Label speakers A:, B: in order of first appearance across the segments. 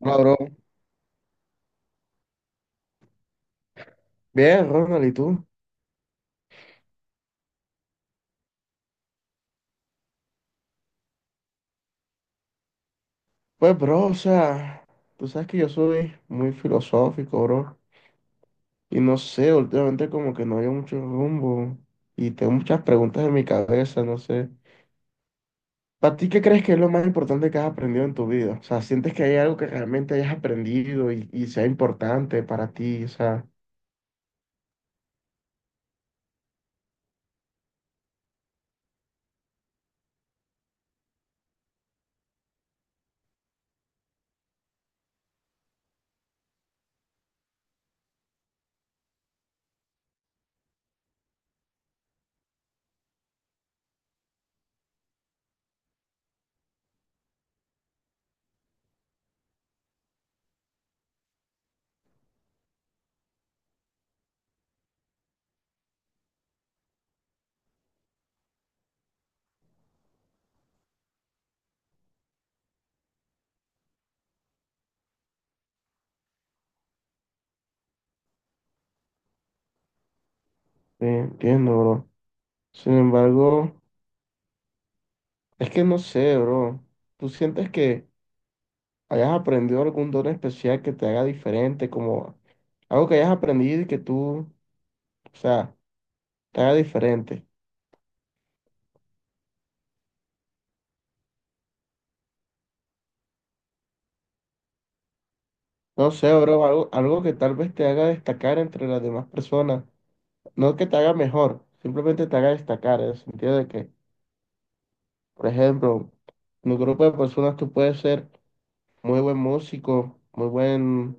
A: Hola, bro. Bien, Ronald, ¿y tú? Pues, bro, o sea, tú sabes que yo soy muy filosófico, bro. Y no sé, últimamente como que no hay mucho rumbo. Y tengo muchas preguntas en mi cabeza, no sé. ¿Para ti qué crees que es lo más importante que has aprendido en tu vida? O sea, ¿sientes que hay algo que realmente hayas aprendido y sea importante para ti? O sea, sí, entiendo, bro. Sin embargo, es que no sé, bro. ¿Tú sientes que hayas aprendido algún don especial que te haga diferente, como algo que hayas aprendido y que tú, o sea, te haga diferente? No sé, bro, algo, algo que tal vez te haga destacar entre las demás personas. No que te haga mejor, simplemente te haga destacar, en el sentido de que, por ejemplo, en un grupo de personas tú puedes ser muy buen músico, muy buen,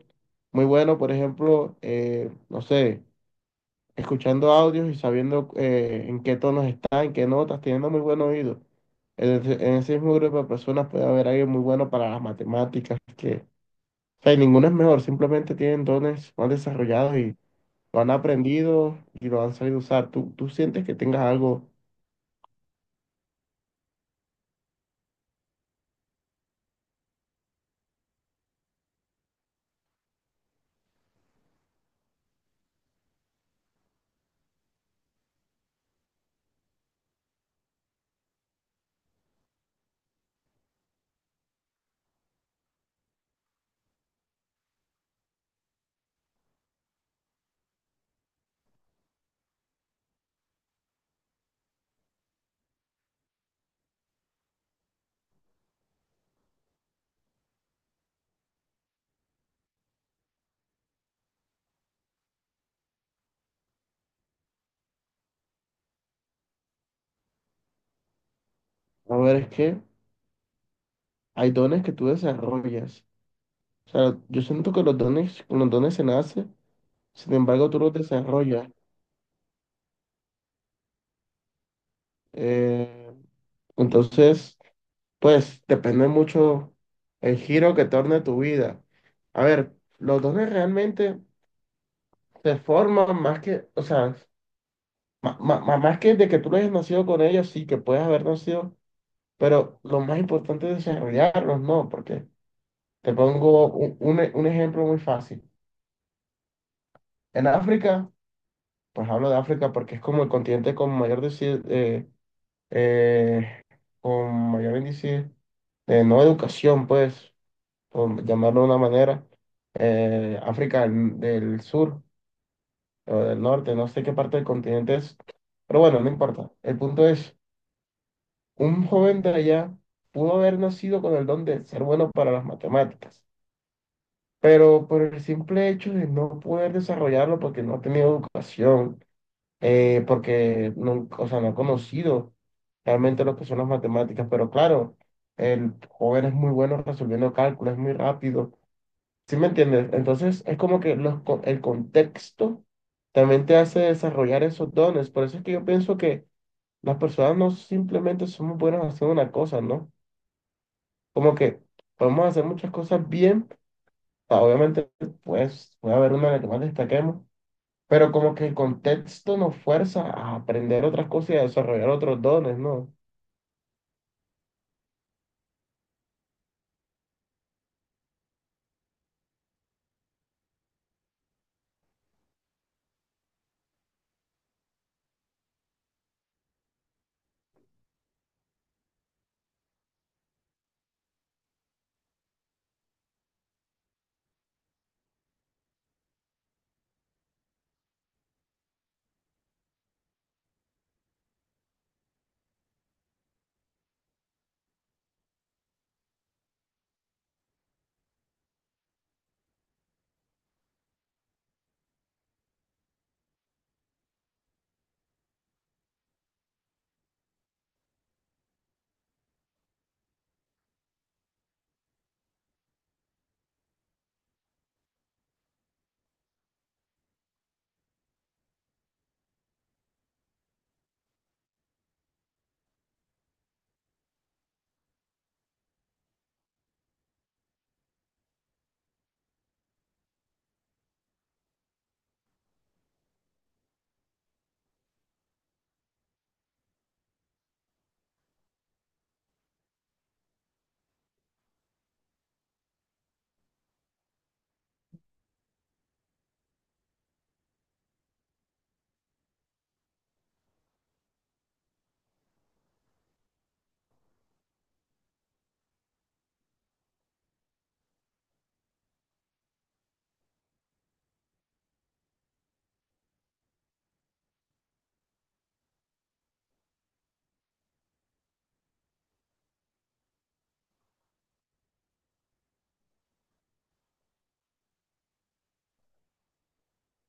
A: muy bueno, por ejemplo, no sé, escuchando audios y sabiendo en qué tonos está, en qué notas, teniendo muy buen oído. En ese mismo grupo de personas puede haber alguien muy bueno para las matemáticas, que, o sea, y ninguno es mejor, simplemente tienen dones más desarrollados y lo han aprendido y lo han sabido usar. Tú sientes que tengas algo. A ver, es que hay dones que tú desarrollas. O sea, yo siento que los dones, con los dones se nace, sin embargo, tú los desarrollas. Eh, entonces pues depende mucho el giro que torne tu vida. A ver, los dones realmente se forman más que, o sea, más, que de que tú no hayas nacido con ellos, sí que puedes haber nacido, pero lo más importante es desarrollarlos, ¿no? Porque te pongo un un ejemplo muy fácil. En África, pues hablo de África porque es como el continente con mayor, eh, con mayor índice de no educación, pues, por llamarlo de una manera. África del, del sur o del norte, no sé qué parte del continente es, pero bueno, no importa. El punto es, un joven de allá pudo haber nacido con el don de ser bueno para las matemáticas, pero por el simple hecho de no poder desarrollarlo porque no ha tenido educación, porque no, o sea, no ha conocido realmente lo que son las matemáticas, pero claro, el joven es muy bueno resolviendo cálculos, es muy rápido. ¿Sí me entiendes? Entonces es como que los el contexto también te hace desarrollar esos dones. Por eso es que yo pienso que las personas no simplemente somos buenas haciendo una cosa, ¿no? Como que podemos hacer muchas cosas bien. Obviamente, pues puede haber una en la que más destaquemos, pero como que el contexto nos fuerza a aprender otras cosas y a desarrollar otros dones, ¿no?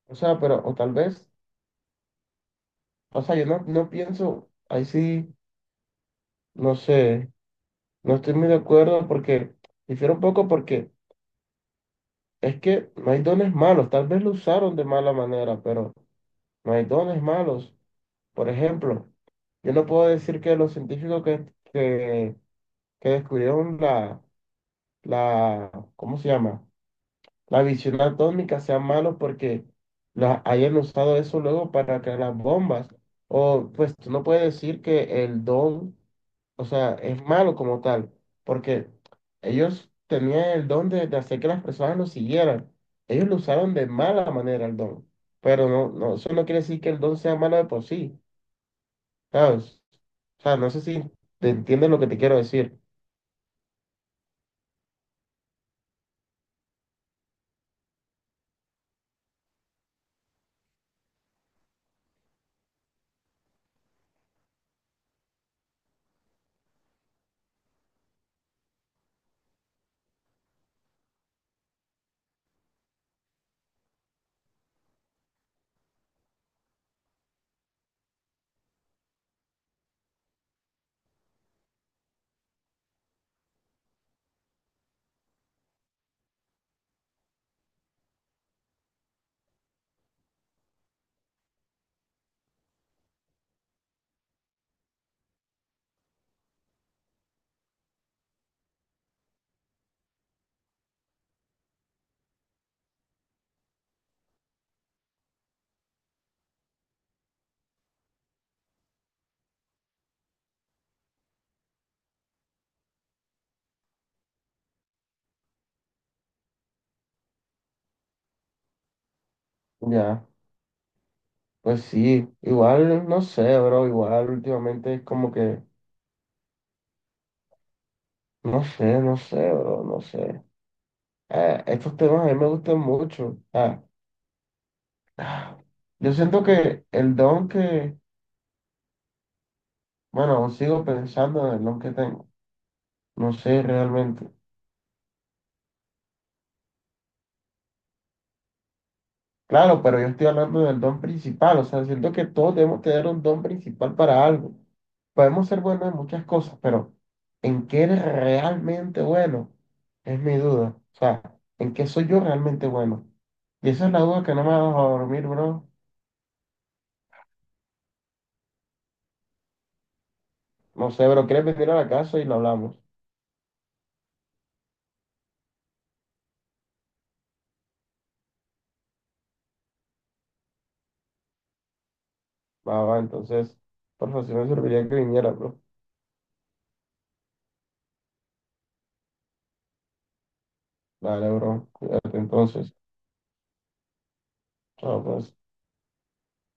A: O sea, pero, o tal vez, o sea, yo no, no pienso, ahí sí, no sé, no estoy muy de acuerdo porque, difiero un poco porque es que no hay dones malos, tal vez lo usaron de mala manera, pero no hay dones malos. Por ejemplo, yo no puedo decir que los científicos que, que descubrieron la, ¿cómo se llama? La visión atómica sean malos porque la, hayan usado eso luego para crear las bombas. O pues tú no puedes decir que el don, o sea, es malo como tal, porque ellos tenían el don de hacer que las personas lo siguieran. Ellos lo usaron de mala manera el don, pero no, no, eso no quiere decir que el don sea malo de por sí, ¿sabes? O sea, no sé si te entiendes lo que te quiero decir. Ya, pues sí, igual, no sé, bro, igual últimamente es como que, no sé, no sé, bro, no sé. Estos temas a mí me gustan mucho. Ah, yo siento que el don que, bueno, aún sigo pensando en el don que tengo. No sé realmente. Claro, pero yo estoy hablando del don principal. O sea, siento que todos debemos tener un don principal para algo. Podemos ser buenos en muchas cosas, pero ¿en qué eres realmente bueno? Es mi duda. O sea, ¿en qué soy yo realmente bueno? Y esa es la duda que no me ha dejado dormir, bro. No sé, bro, ¿quieres venir a la casa y lo hablamos? Va, va, entonces, por favor, si no me serviría que viniera, bro. Dale, bro, cuídate entonces. Chao, pues.